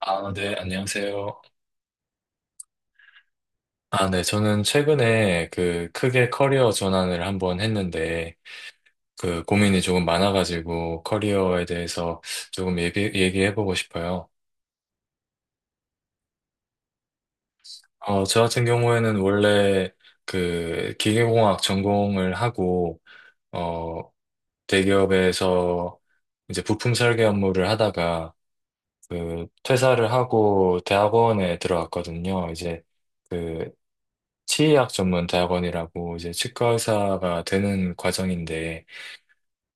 아, 네, 안녕하세요. 아, 네, 저는 최근에 그 크게 커리어 전환을 한번 했는데, 그 고민이 조금 많아가지고 커리어에 대해서 조금 얘기해보고 싶어요. 저 같은 경우에는 원래 그 기계공학 전공을 하고, 어, 대기업에서 이제 부품 설계 업무를 하다가 그 퇴사를 하고 대학원에 들어갔거든요. 이제 그 치의학 전문 대학원이라고 이제 치과 의사가 되는 과정인데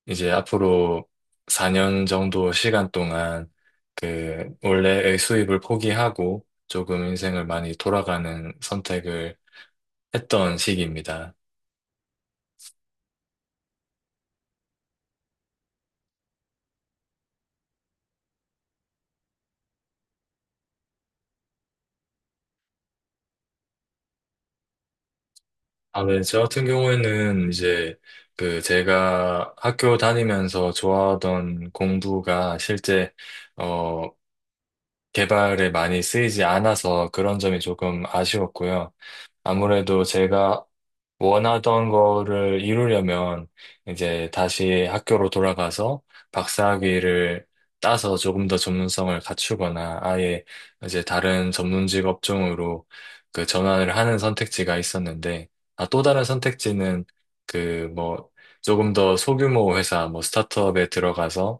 이제 앞으로 4년 정도 시간 동안 그 원래의 수입을 포기하고 조금 인생을 많이 돌아가는 선택을 했던 시기입니다. 아, 네. 저 같은 경우에는 이제 그 제가 학교 다니면서 좋아하던 공부가 실제 어 개발에 많이 쓰이지 않아서 그런 점이 조금 아쉬웠고요. 아무래도 제가 원하던 거를 이루려면 이제 다시 학교로 돌아가서 박사학위를 따서 조금 더 전문성을 갖추거나 아예 이제 다른 전문직 업종으로 그 전환을 하는 선택지가 있었는데, 아, 또 다른 선택지는 그 뭐 조금 더 소규모 회사 뭐 스타트업에 들어가서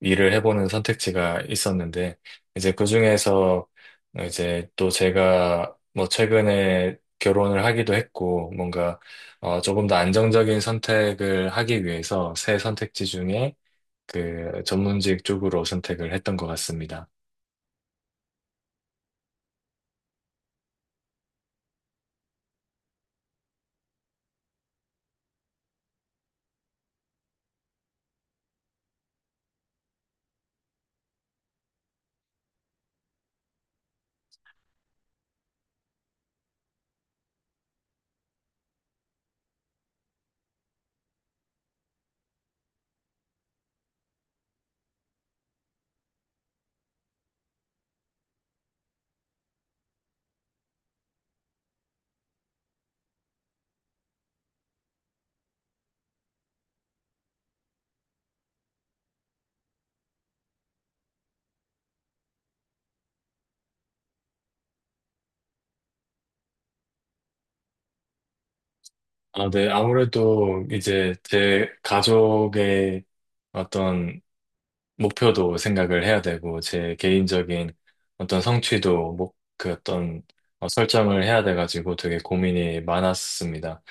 일을 해보는 선택지가 있었는데, 이제 그 중에서 이제 또 제가 뭐 최근에 결혼을 하기도 했고, 뭔가 조금 더 안정적인 선택을 하기 위해서 새 선택지 중에 그 전문직 쪽으로 선택을 했던 것 같습니다. 아, 네. 아무래도 이제 제 가족의 어떤 목표도 생각을 해야 되고, 제 개인적인 어떤 성취도, 그 어떤 설정을 해야 돼가지고 되게 고민이 많았습니다.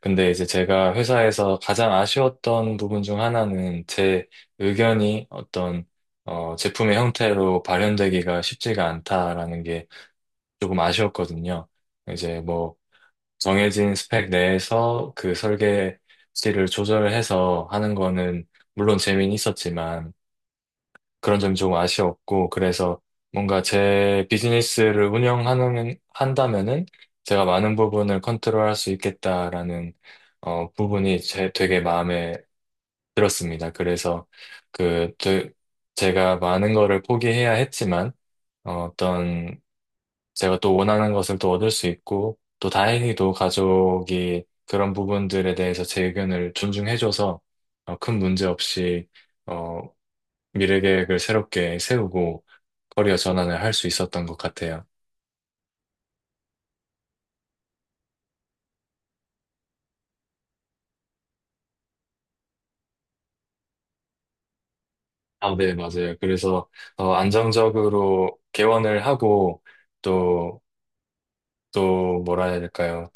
근데 이제 제가 회사에서 가장 아쉬웠던 부분 중 하나는 제 의견이 어떤, 제품의 형태로 발현되기가 쉽지가 않다라는 게 조금 아쉬웠거든요. 이제 뭐, 정해진 스펙 내에서 그 설계치를 조절해서 하는 거는 물론 재미는 있었지만, 그런 점이 조금 아쉬웠고, 그래서 뭔가 제 비즈니스를 운영하는, 한다면은 제가 많은 부분을 컨트롤할 수 있겠다라는, 부분이 제 되게 마음에 들었습니다. 그래서 그, 제가 많은 거를 포기해야 했지만, 어, 떤 제가 또 원하는 것을 또 얻을 수 있고, 또 다행히도 가족이 그런 부분들에 대해서 제 의견을 존중해줘서, 큰 문제 없이, 어, 미래 계획을 새롭게 세우고, 커리어 전환을 할 수 있었던 것 같아요. 아, 네, 맞아요. 그래서, 안정적으로 개원을 하고, 또, 또, 뭐라 해야 될까요?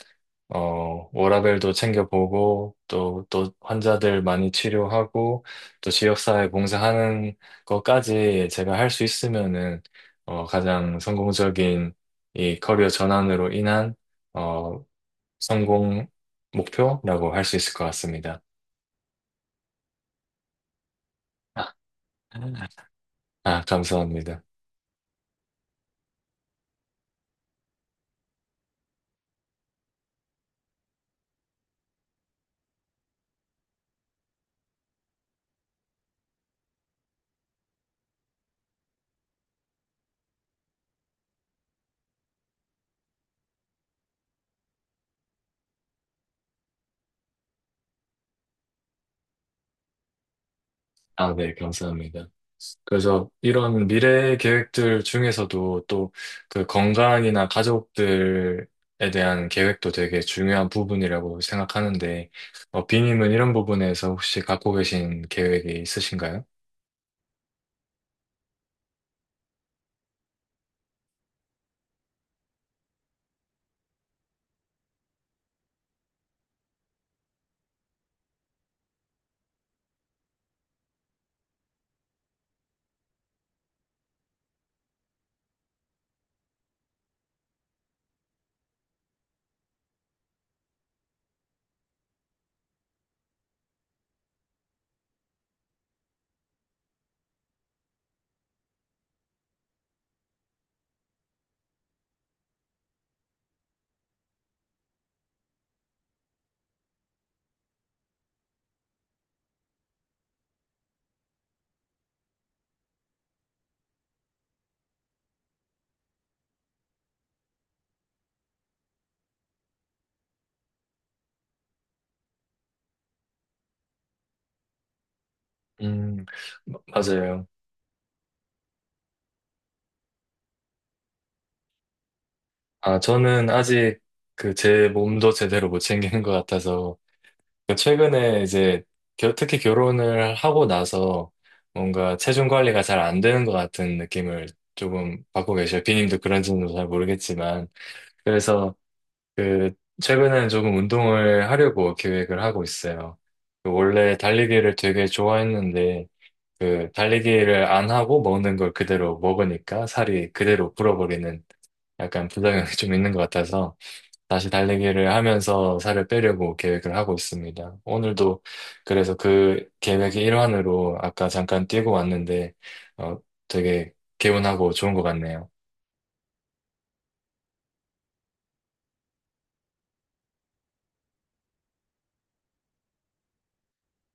워라밸도 챙겨보고, 또, 환자들 많이 치료하고, 또, 지역사회 봉사하는 것까지 제가 할 수 있으면은, 가장 성공적인 이 커리어 전환으로 인한, 어, 성공 목표라고 할 수 있을 것 같습니다. 아, 감사합니다. 아, 네, 감사합니다. 그래서 이런 미래 계획들 중에서도 또 그 건강이나 가족들에 대한 계획도 되게 중요한 부분이라고 생각하는데, 비님은 이런 부분에서 혹시 갖고 계신 계획이 있으신가요? 음, 맞아요. 아, 저는 아직 그 제 몸도 제대로 못 챙기는 것 같아서 그러니까 최근에 이제 특히 결혼을 하고 나서 뭔가 체중 관리가 잘 안 되는 것 같은 느낌을 조금 받고 계셔요. 비님도 그런지는 잘 모르겠지만. 그래서 그 최근에는 조금 운동을 하려고 계획을 하고 있어요. 그 원래 달리기를 되게 좋아했는데 그 달리기를 안 하고 먹는 걸 그대로 먹으니까 살이 그대로 불어버리는 약간 부작용이 좀 있는 것 같아서 다시 달리기를 하면서 살을 빼려고 계획을 하고 있습니다. 오늘도 그래서 그 계획의 일환으로 아까 잠깐 뛰고 왔는데, 어, 되게 개운하고 좋은 것 같네요.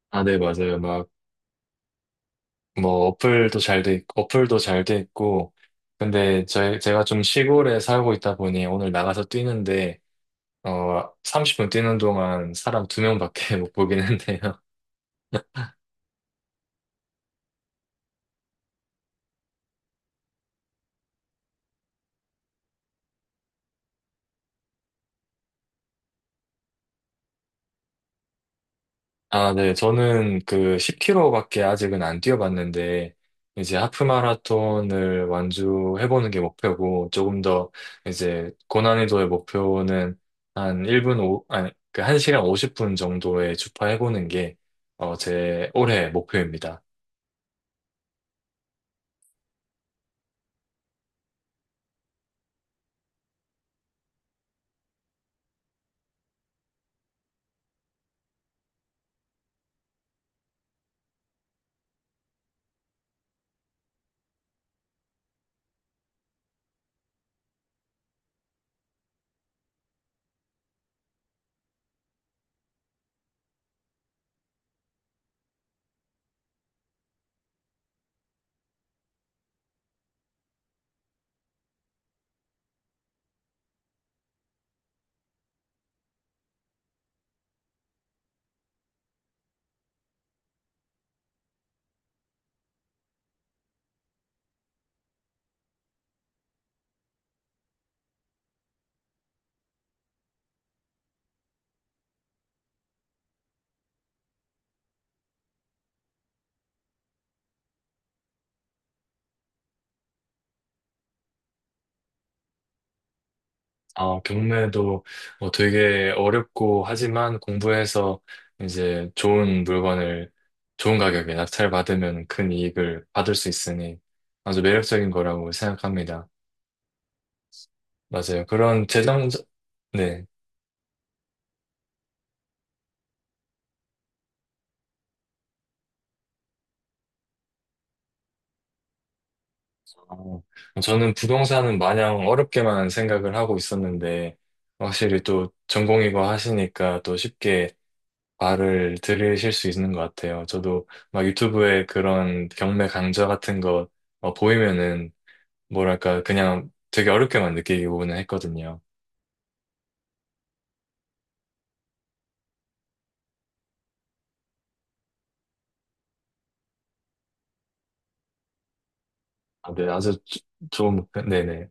아, 네, 맞아요. 막, 뭐, 어플도 잘 돼 있고, 근데 제가 좀 시골에 살고 있다 보니 오늘 나가서 뛰는데, 30분 뛰는 동안 사람 두 명밖에 못 보긴 했네요. 아, 네. 저는 그 10km밖에 아직은 안 뛰어봤는데, 이제 하프 마라톤을 완주해보는 게 목표고, 조금 더 이제 고난이도의 목표는 한 1분 오, 아니, 그 한 시간 50분 정도에 주파해보는 게, 제 올해 목표입니다. 아, 경매도 뭐 되게 어렵고 하지만 공부해서 이제 좋은 물건을 좋은 가격에 낙찰받으면 큰 이익을 받을 수 있으니 아주 매력적인 거라고 생각합니다. 맞아요. 그런 재정, 네. 어, 저는 부동산은 마냥 어렵게만 생각을 하고 있었는데 확실히 또 전공이고 하시니까 또 쉽게 말을 들으실 수 있는 것 같아요. 저도 막 유튜브에 그런 경매 강좌 같은 거 보이면은 뭐랄까, 그냥 되게 어렵게만 느끼고는 했거든요. 아, 네, 아주 좋은, 네네.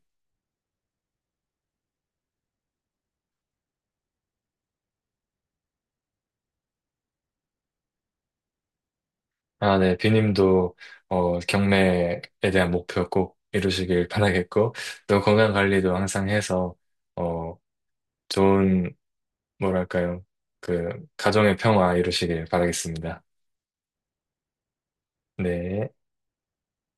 아, 네, 비님도, 경매에 대한 목표 꼭 이루시길 바라겠고, 또 건강 관리도 항상 해서, 어, 좋은, 뭐랄까요, 그, 가정의 평화 이루시길 바라겠습니다. 네.